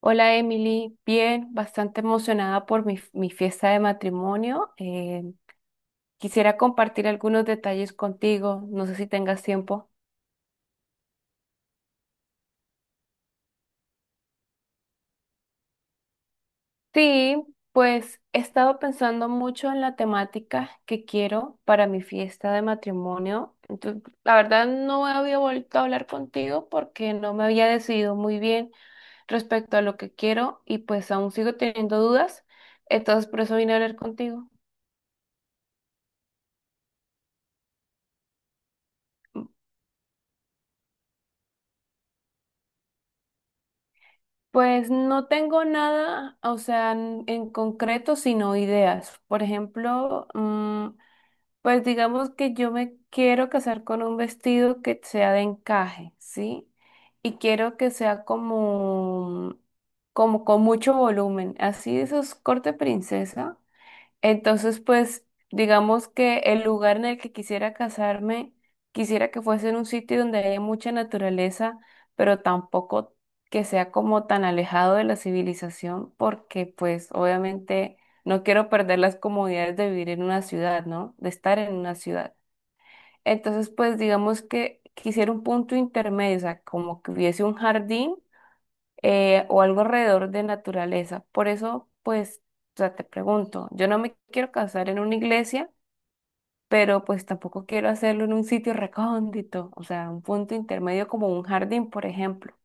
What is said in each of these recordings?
Hola Emily, bien, bastante emocionada por mi fiesta de matrimonio. Quisiera compartir algunos detalles contigo, no sé si tengas tiempo. Sí, pues he estado pensando mucho en la temática que quiero para mi fiesta de matrimonio. Entonces, la verdad no había vuelto a hablar contigo porque no me había decidido muy bien respecto a lo que quiero y pues aún sigo teniendo dudas. Entonces por eso vine a hablar contigo. Pues no tengo nada, o sea, en concreto, sino ideas. Por ejemplo, pues digamos que yo me quiero casar con un vestido que sea de encaje, ¿sí? Y quiero que sea como, como con mucho volumen, así de esos corte princesa. Entonces, pues, digamos que el lugar en el que quisiera casarme, quisiera que fuese en un sitio donde haya mucha naturaleza, pero tampoco que sea como tan alejado de la civilización, porque pues obviamente no quiero perder las comodidades de vivir en una ciudad, ¿no? De estar en una ciudad. Entonces, pues, digamos que quisiera un punto intermedio, o sea, como que hubiese un jardín o algo alrededor de naturaleza. Por eso, pues, o sea, te pregunto, yo no me quiero casar en una iglesia, pero pues tampoco quiero hacerlo en un sitio recóndito, o sea, un punto intermedio como un jardín, por ejemplo.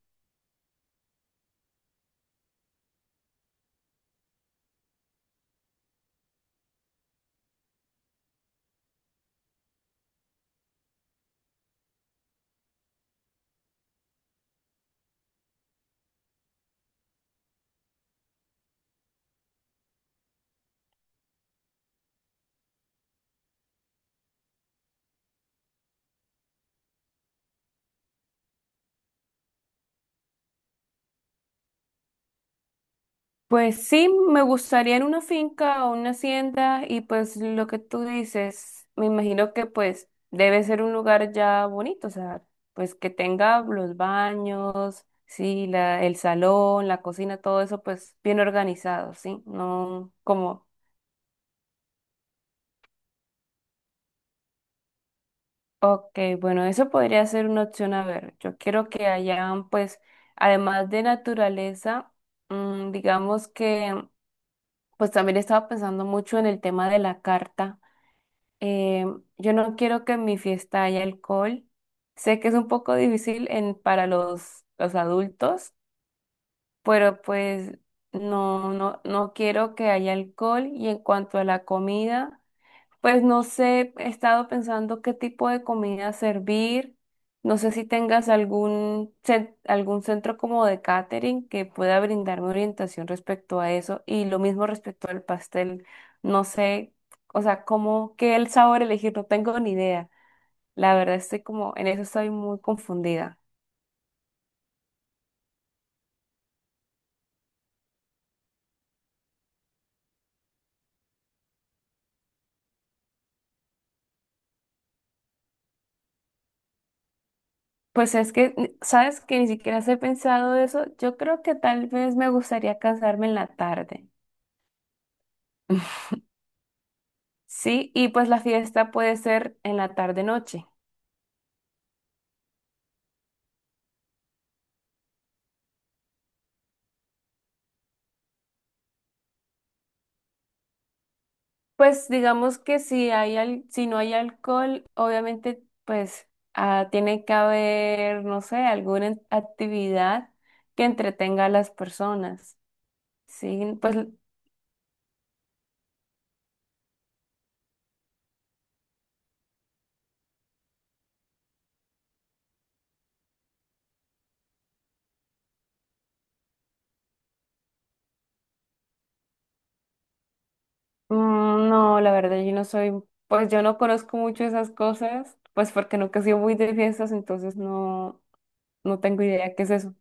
Pues sí, me gustaría en una finca o una hacienda y pues lo que tú dices, me imagino que pues debe ser un lugar ya bonito, o sea, pues que tenga los baños, sí, la, el salón, la cocina, todo eso pues bien organizado, ¿sí? No como, ok, bueno, eso podría ser una opción, a ver, yo quiero que hayan pues, además de naturaleza, digamos que pues también estaba pensando mucho en el tema de la carta. eh, yo no quiero que en mi fiesta haya alcohol. Sé que es un poco difícil en, para los adultos, pero pues no quiero que haya alcohol. Y en cuanto a la comida, pues no sé, he estado pensando qué tipo de comida servir. No sé si tengas algún, algún centro como de catering que pueda brindarme orientación respecto a eso. Y lo mismo respecto al pastel. No sé, o sea, cómo, qué el sabor elegir, no tengo ni idea. La verdad estoy como, en eso estoy muy confundida. Pues es que, sabes que ni siquiera he pensado eso. Yo creo que tal vez me gustaría cansarme en la tarde. Sí, y pues la fiesta puede ser en la tarde-noche. Pues digamos que si hay si no hay alcohol, obviamente pues tiene que haber, no sé, alguna actividad que entretenga a las personas. Sí, pues no, la verdad yo no soy, pues yo no conozco mucho esas cosas, pues porque nunca he sido muy de fiestas, entonces no, no tengo idea qué es eso.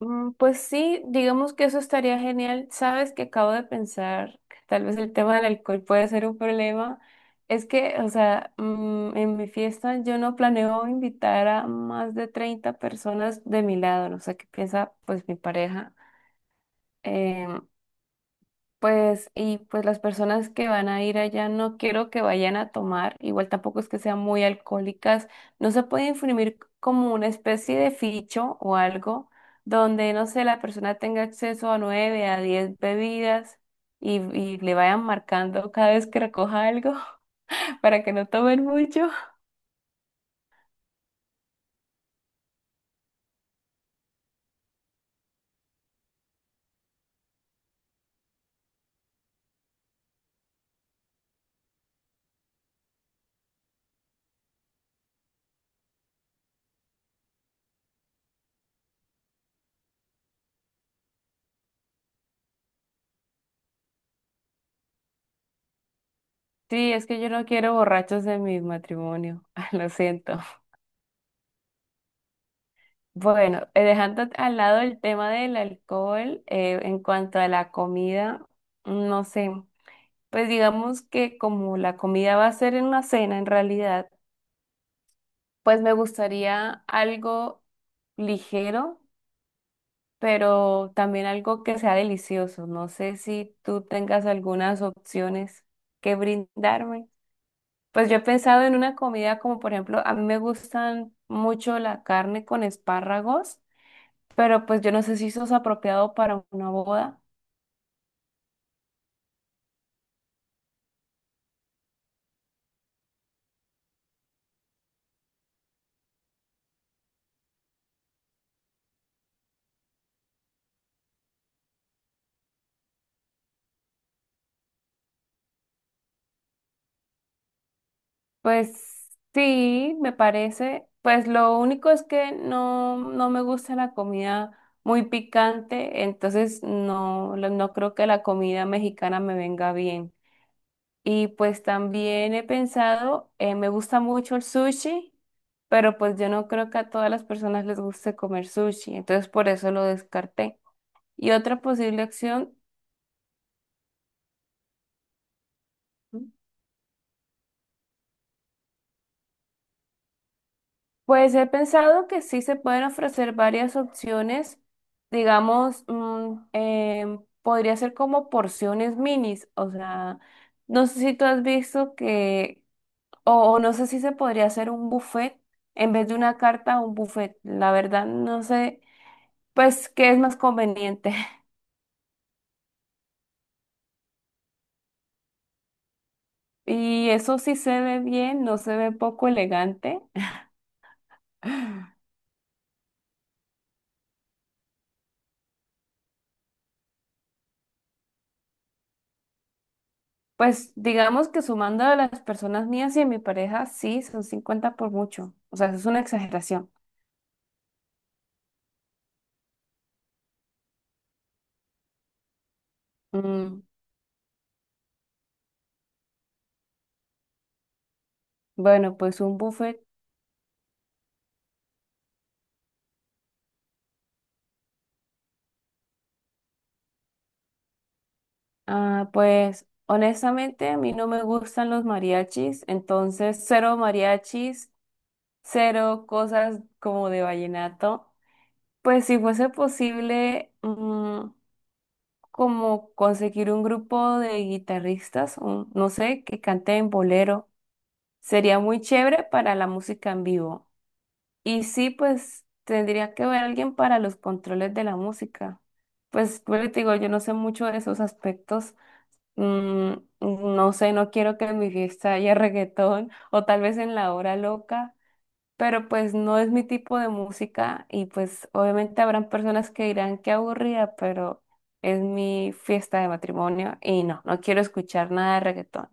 Mm, pues sí, digamos que eso estaría genial. Sabes que acabo de pensar que tal vez el tema del alcohol puede ser un problema. Es que, o sea, en mi fiesta yo no planeo invitar a más de 30 personas de mi lado, no sé qué piensa pues mi pareja. Em, pues, y pues las personas que van a ir allá no quiero que vayan a tomar, igual tampoco es que sean muy alcohólicas, no se puede imprimir como una especie de ficho o algo donde, no sé, la persona tenga acceso a nueve, a 10 bebidas y le vayan marcando cada vez que recoja algo para que no tomen mucho. Sí, es que yo no quiero borrachos en mi matrimonio, lo siento. Bueno, dejando al lado el tema del alcohol, en cuanto a la comida, no sé, pues digamos que como la comida va a ser en una cena en realidad, pues me gustaría algo ligero, pero también algo que sea delicioso. No sé si tú tengas algunas opciones que brindarme. Pues yo he pensado en una comida como por ejemplo, a mí me gustan mucho la carne con espárragos. Pero pues yo no sé si eso es apropiado para una boda. Pues sí, me parece. Pues lo único es que no, no me gusta la comida muy picante, entonces no, no creo que la comida mexicana me venga bien. Y pues también he pensado, me gusta mucho el sushi, pero pues yo no creo que a todas las personas les guste comer sushi, entonces por eso lo descarté. Y otra posible opción. Pues he pensado que sí se pueden ofrecer varias opciones, digamos, podría ser como porciones minis, o sea, no sé si tú has visto que, o no sé si se podría hacer un buffet en vez de una carta, un buffet, la verdad no sé, pues qué es más conveniente. Y eso sí se ve bien, no se ve poco elegante. Pues digamos que sumando a las personas mías y a mi pareja, sí, son 50 por mucho. O sea, eso es una exageración. Mm, bueno, pues un buffet. Ah, pues honestamente a mí no me gustan los mariachis, entonces cero mariachis, cero cosas como de vallenato. Pues si fuese posible, como conseguir un grupo de guitarristas, no sé, que canten bolero, sería muy chévere para la música en vivo. Y sí, pues tendría que ver a alguien para los controles de la música. Pues te digo, yo no sé mucho de esos aspectos. Mm, no sé, no quiero que en mi fiesta haya reggaetón o tal vez en la hora loca, pero pues no es mi tipo de música y pues obviamente habrán personas que dirán que aburrida, pero es mi fiesta de matrimonio y no, no quiero escuchar nada de reggaetón,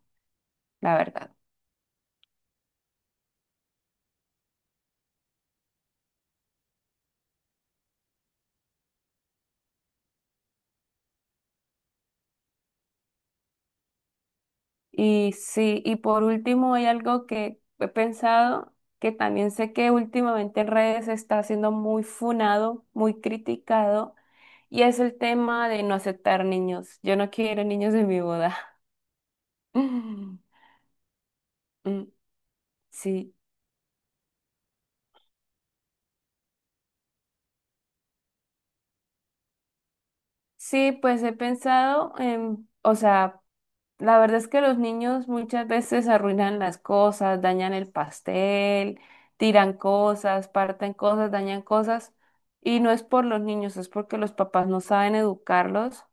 la verdad. Y sí, y por último hay algo que he pensado, que también sé que últimamente en redes está siendo muy funado, muy criticado, y es el tema de no aceptar niños. Yo no quiero niños en mi boda. Mm, sí, sí, pues he pensado en, o sea, la verdad es que los niños muchas veces arruinan las cosas, dañan el pastel, tiran cosas, parten cosas, dañan cosas. Y no es por los niños, es porque los papás no saben educarlos.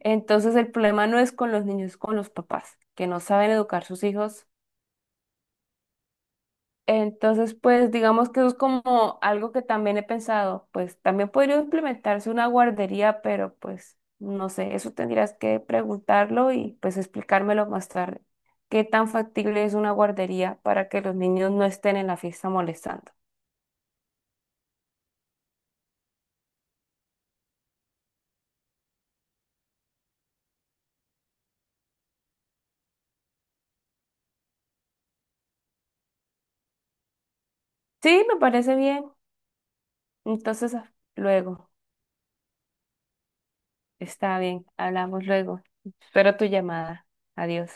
Entonces el problema no es con los niños, es con los papás, que no saben educar sus hijos. Entonces, pues digamos que eso es como algo que también he pensado, pues también podría implementarse una guardería, pero pues no sé, eso tendrías que preguntarlo y pues explicármelo más tarde. ¿Qué tan factible es una guardería para que los niños no estén en la fiesta molestando? Sí, me parece bien. Entonces, está bien, hablamos luego. Espero tu llamada. Adiós.